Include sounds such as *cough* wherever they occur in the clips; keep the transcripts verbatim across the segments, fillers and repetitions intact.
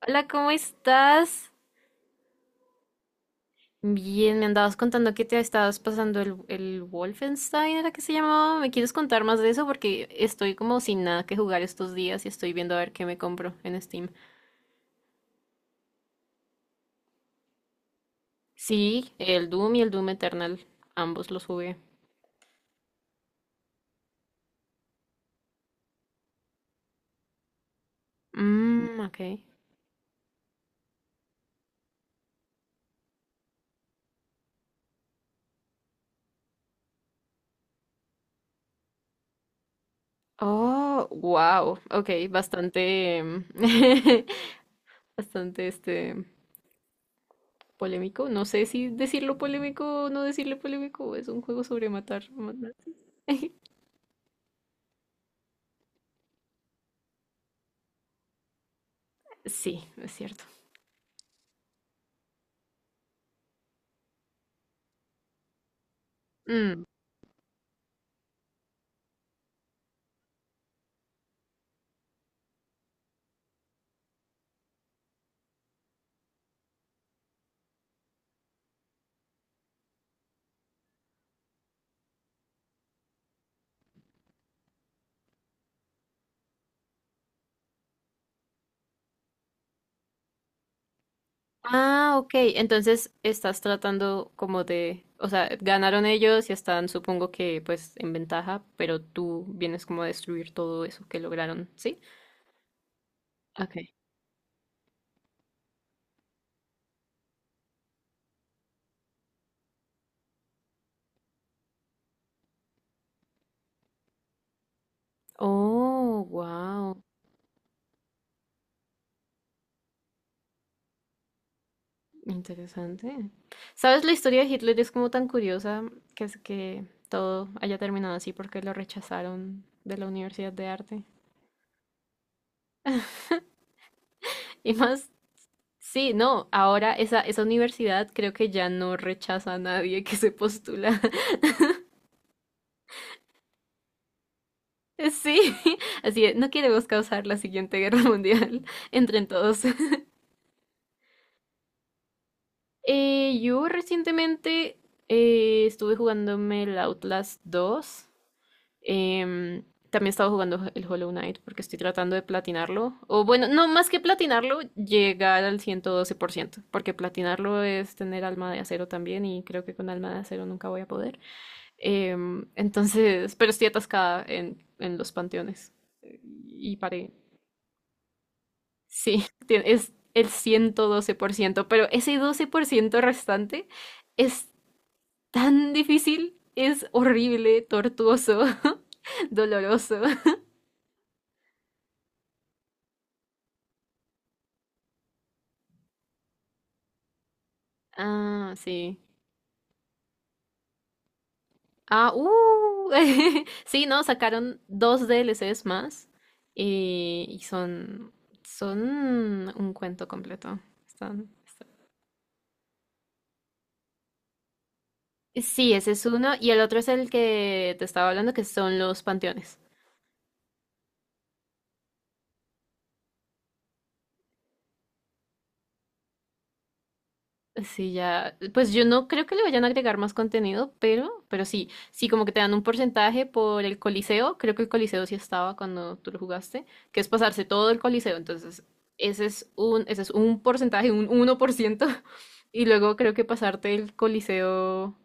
Hola, ¿cómo estás? Bien, me andabas contando que te estabas pasando el, el Wolfenstein, ¿era que se llamaba? ¿Me quieres contar más de eso? Porque estoy como sin nada que jugar estos días y estoy viendo a ver qué me compro en Steam. Sí, el Doom y el Doom Eternal, ambos los jugué. Mmm, ok. Oh, wow, ok, bastante, em, *laughs* bastante este polémico. No sé si decirlo polémico o no decirle polémico, es un juego sobre matar. Matar. Sí, es cierto. Mm. Ah, ok. Entonces estás tratando como de, o sea, ganaron ellos y están, supongo que, pues, en ventaja, pero tú vienes como a destruir todo eso que lograron, ¿sí? Ok. Oh, wow. Interesante. ¿Sabes? La historia de Hitler es como tan curiosa que es que todo haya terminado así porque lo rechazaron de la Universidad de Arte. Y más, sí, no, ahora esa, esa universidad creo que ya no rechaza a nadie que se postula. Sí, *laughs* así es, no queremos causar la siguiente guerra mundial. *laughs* Entren todos. *laughs* Eh, yo recientemente eh, estuve jugándome el Outlast dos. Em, también estaba jugando el Hollow Knight porque estoy tratando de platinarlo. O bueno, no más que platinarlo, llegar al ciento doce por ciento. Porque platinarlo es tener alma de acero también y creo que con alma de acero nunca voy a poder. Em, entonces, pero estoy atascada en, en, los panteones. eh, Y paré. Sí, tie- es el ciento doce por ciento, pero ese doce por ciento restante es tan difícil, es horrible, tortuoso, *laughs* doloroso. Ah, sí. Ah, uh. *laughs* Sí, no, sacaron dos D L Cs más, eh, y son, son, un cuento completo. Están, están- Sí, ese es uno y el otro es el que te estaba hablando, que son los panteones. Sí, ya, pues yo no creo que le vayan a agregar más contenido, pero, pero sí, sí, como que te dan un porcentaje por el Coliseo, creo que el Coliseo sí estaba cuando tú lo jugaste, que es pasarse todo el Coliseo, entonces ese es un, ese es un porcentaje, un uno por ciento. *laughs* Y luego creo que pasarte el Coliseo,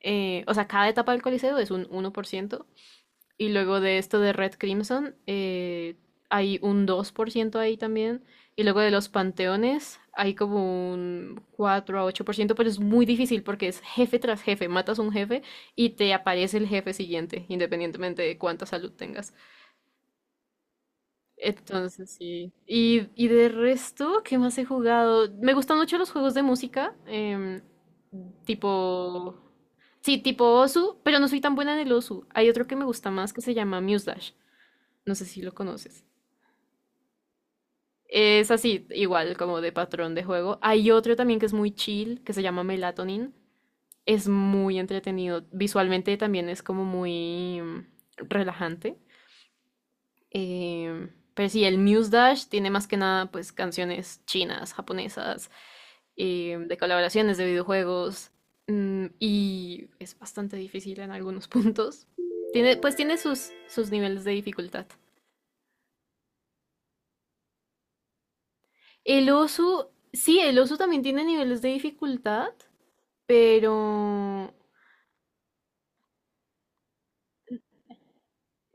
eh, o sea, cada etapa del Coliseo es un uno por ciento. Y luego de esto de Red Crimson, eh, hay un dos por ciento ahí también. Y luego de los panteones, hay como un cuatro a ocho por ciento, pero es muy difícil porque es jefe tras jefe. Matas un jefe y te aparece el jefe siguiente, independientemente de cuánta salud tengas. Entonces, sí. Y, y de resto, ¿qué más he jugado? Me gustan mucho los juegos de música, em, tipo... Sí, tipo Osu, pero no soy tan buena en el Osu. Hay otro que me gusta más que se llama Muse Dash. No sé si lo conoces. Es así, igual como de patrón de juego. Hay otro también que es muy chill, que se llama Melatonin. Es muy entretenido. Visualmente también es como muy mm, relajante. Eh, pero sí, el Muse Dash tiene más que nada pues canciones chinas, japonesas, eh, de colaboraciones de videojuegos. mm, y es bastante difícil en algunos *laughs* puntos. Tiene, pues tiene sus, sus niveles de dificultad. El oso, sí, el oso también tiene niveles de dificultad, pero...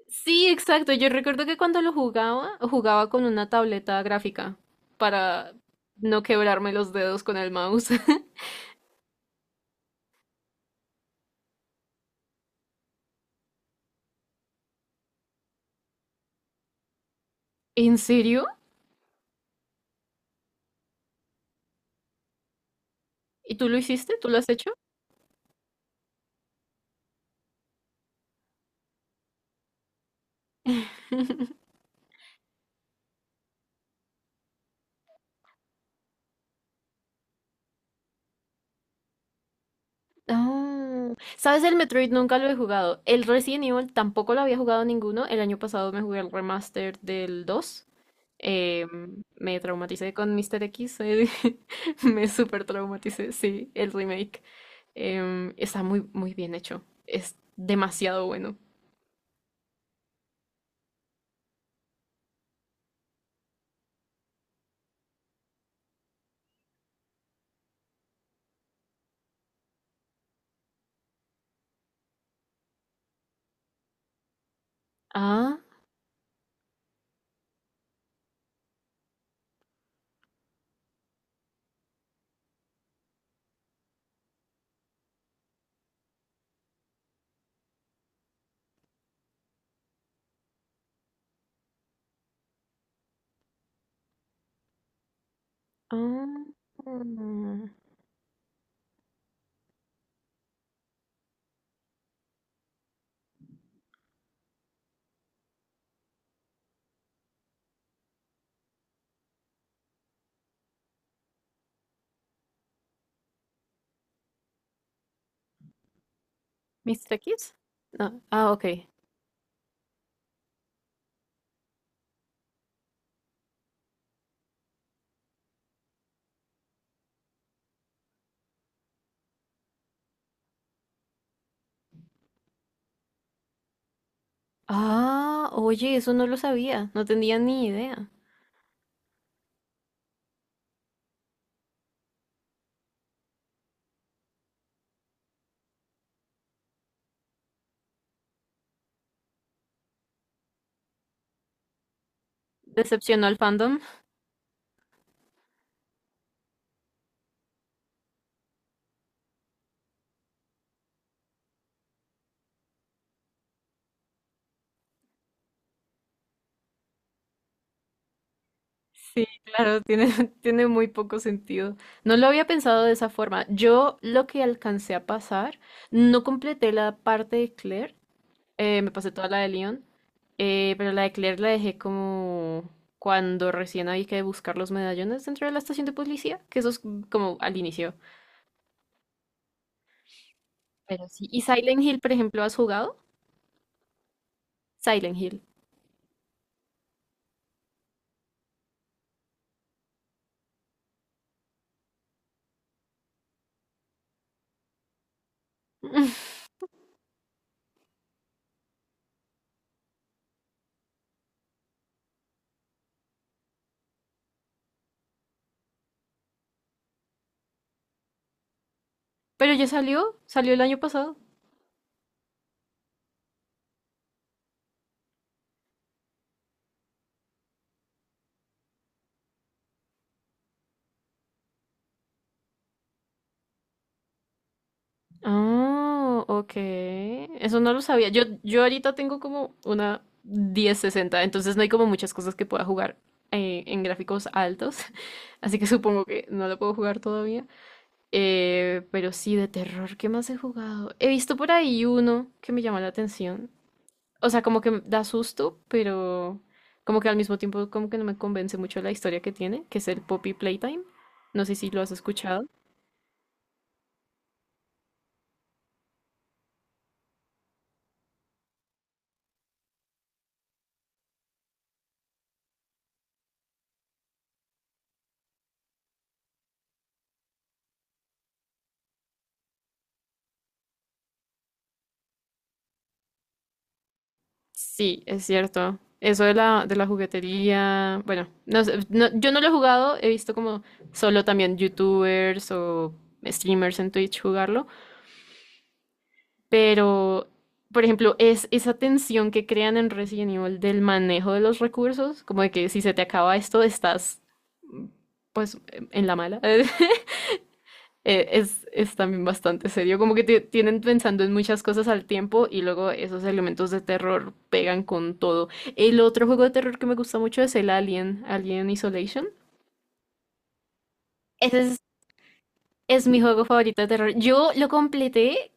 Sí, exacto. Yo recuerdo que cuando lo jugaba, jugaba con una tableta gráfica para no quebrarme los dedos con el mouse. *laughs* ¿En serio? ¿Y tú lo hiciste? ¿Tú lo has hecho? Ah. ¿Sabes? El Metroid nunca lo he jugado. El Resident Evil tampoco lo había jugado ninguno. El año pasado me jugué el remaster del dos. Eh, me traumaticé con Mister X, eh, *laughs* me super traumaticé, sí, el remake. Em, está muy, muy bien hecho, es demasiado bueno. Ah, ah, mm, ¿Mister X? No, ah, ok. Ah, oye, eso no lo sabía, no tenía ni idea. ¿Decepcionó al fandom? Sí, claro, tiene, *laughs* tiene muy poco sentido. No lo había pensado de esa forma. Yo lo que alcancé a pasar, no completé la parte de Claire. Eh, me pasé toda la de Leon, eh, pero la de Claire la dejé como cuando recién había que buscar los medallones dentro de la estación de policía, que eso es como al inicio. Pero sí. ¿Y Silent Hill, por ejemplo, has jugado? Silent Hill. *laughs* Pero ya salió, salió el año pasado. Ah, ok. Eso no lo sabía. Yo, yo ahorita tengo como una diez sesenta, entonces no hay como muchas cosas que pueda jugar, eh, en gráficos altos, *laughs* así que supongo que no lo puedo jugar todavía. Eh, pero sí, de terror, ¿qué más he jugado? He visto por ahí uno que me llama la atención. O sea, como que me da susto, pero como que al mismo tiempo como que no me convence mucho la historia que tiene, que es el Poppy Playtime. No sé si lo has escuchado. Sí, es cierto. Eso de la, de la, juguetería, bueno, no sé, no- yo no lo he jugado, he visto como solo también youtubers o streamers en Twitch jugarlo. Pero, por ejemplo, es esa tensión que crean en Resident Evil del manejo de los recursos, como de que si se te acaba esto, estás pues en la mala. *laughs* Eh, Es, es, también bastante serio, como que te tienen pensando en muchas cosas al tiempo y luego esos elementos de terror pegan con todo. El otro juego de terror que me gusta mucho es el Alien, Alien Isolation. Ese es, es mi juego favorito de terror. Yo lo completé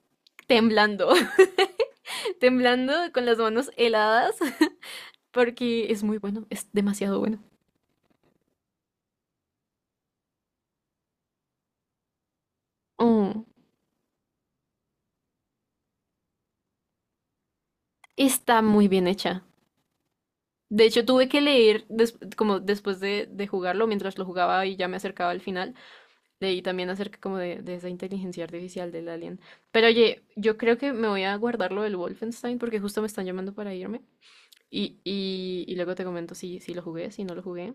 temblando, *laughs* temblando con las manos heladas porque es muy bueno, es demasiado bueno. Mm, está muy bien hecha. De hecho, tuve que leer, des- como después de, de jugarlo, mientras lo jugaba y ya me acercaba al final, leí también acerca como de, de esa inteligencia artificial del alien. Pero oye, yo creo que me voy a guardar lo del Wolfenstein porque justo me están llamando para irme. Y, y, y luego te comento si, si, lo jugué, si no lo jugué.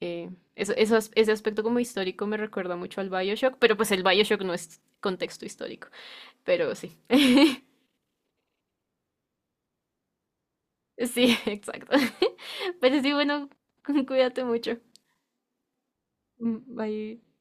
Eh, eso- eso as- ese aspecto como histórico me recuerda mucho al Bioshock, pero pues el Bioshock no es contexto histórico, pero sí. *laughs* Sí, *laughs* exacto. *laughs* Pero sí, bueno, *laughs* cuídate mucho. Mm, Bye.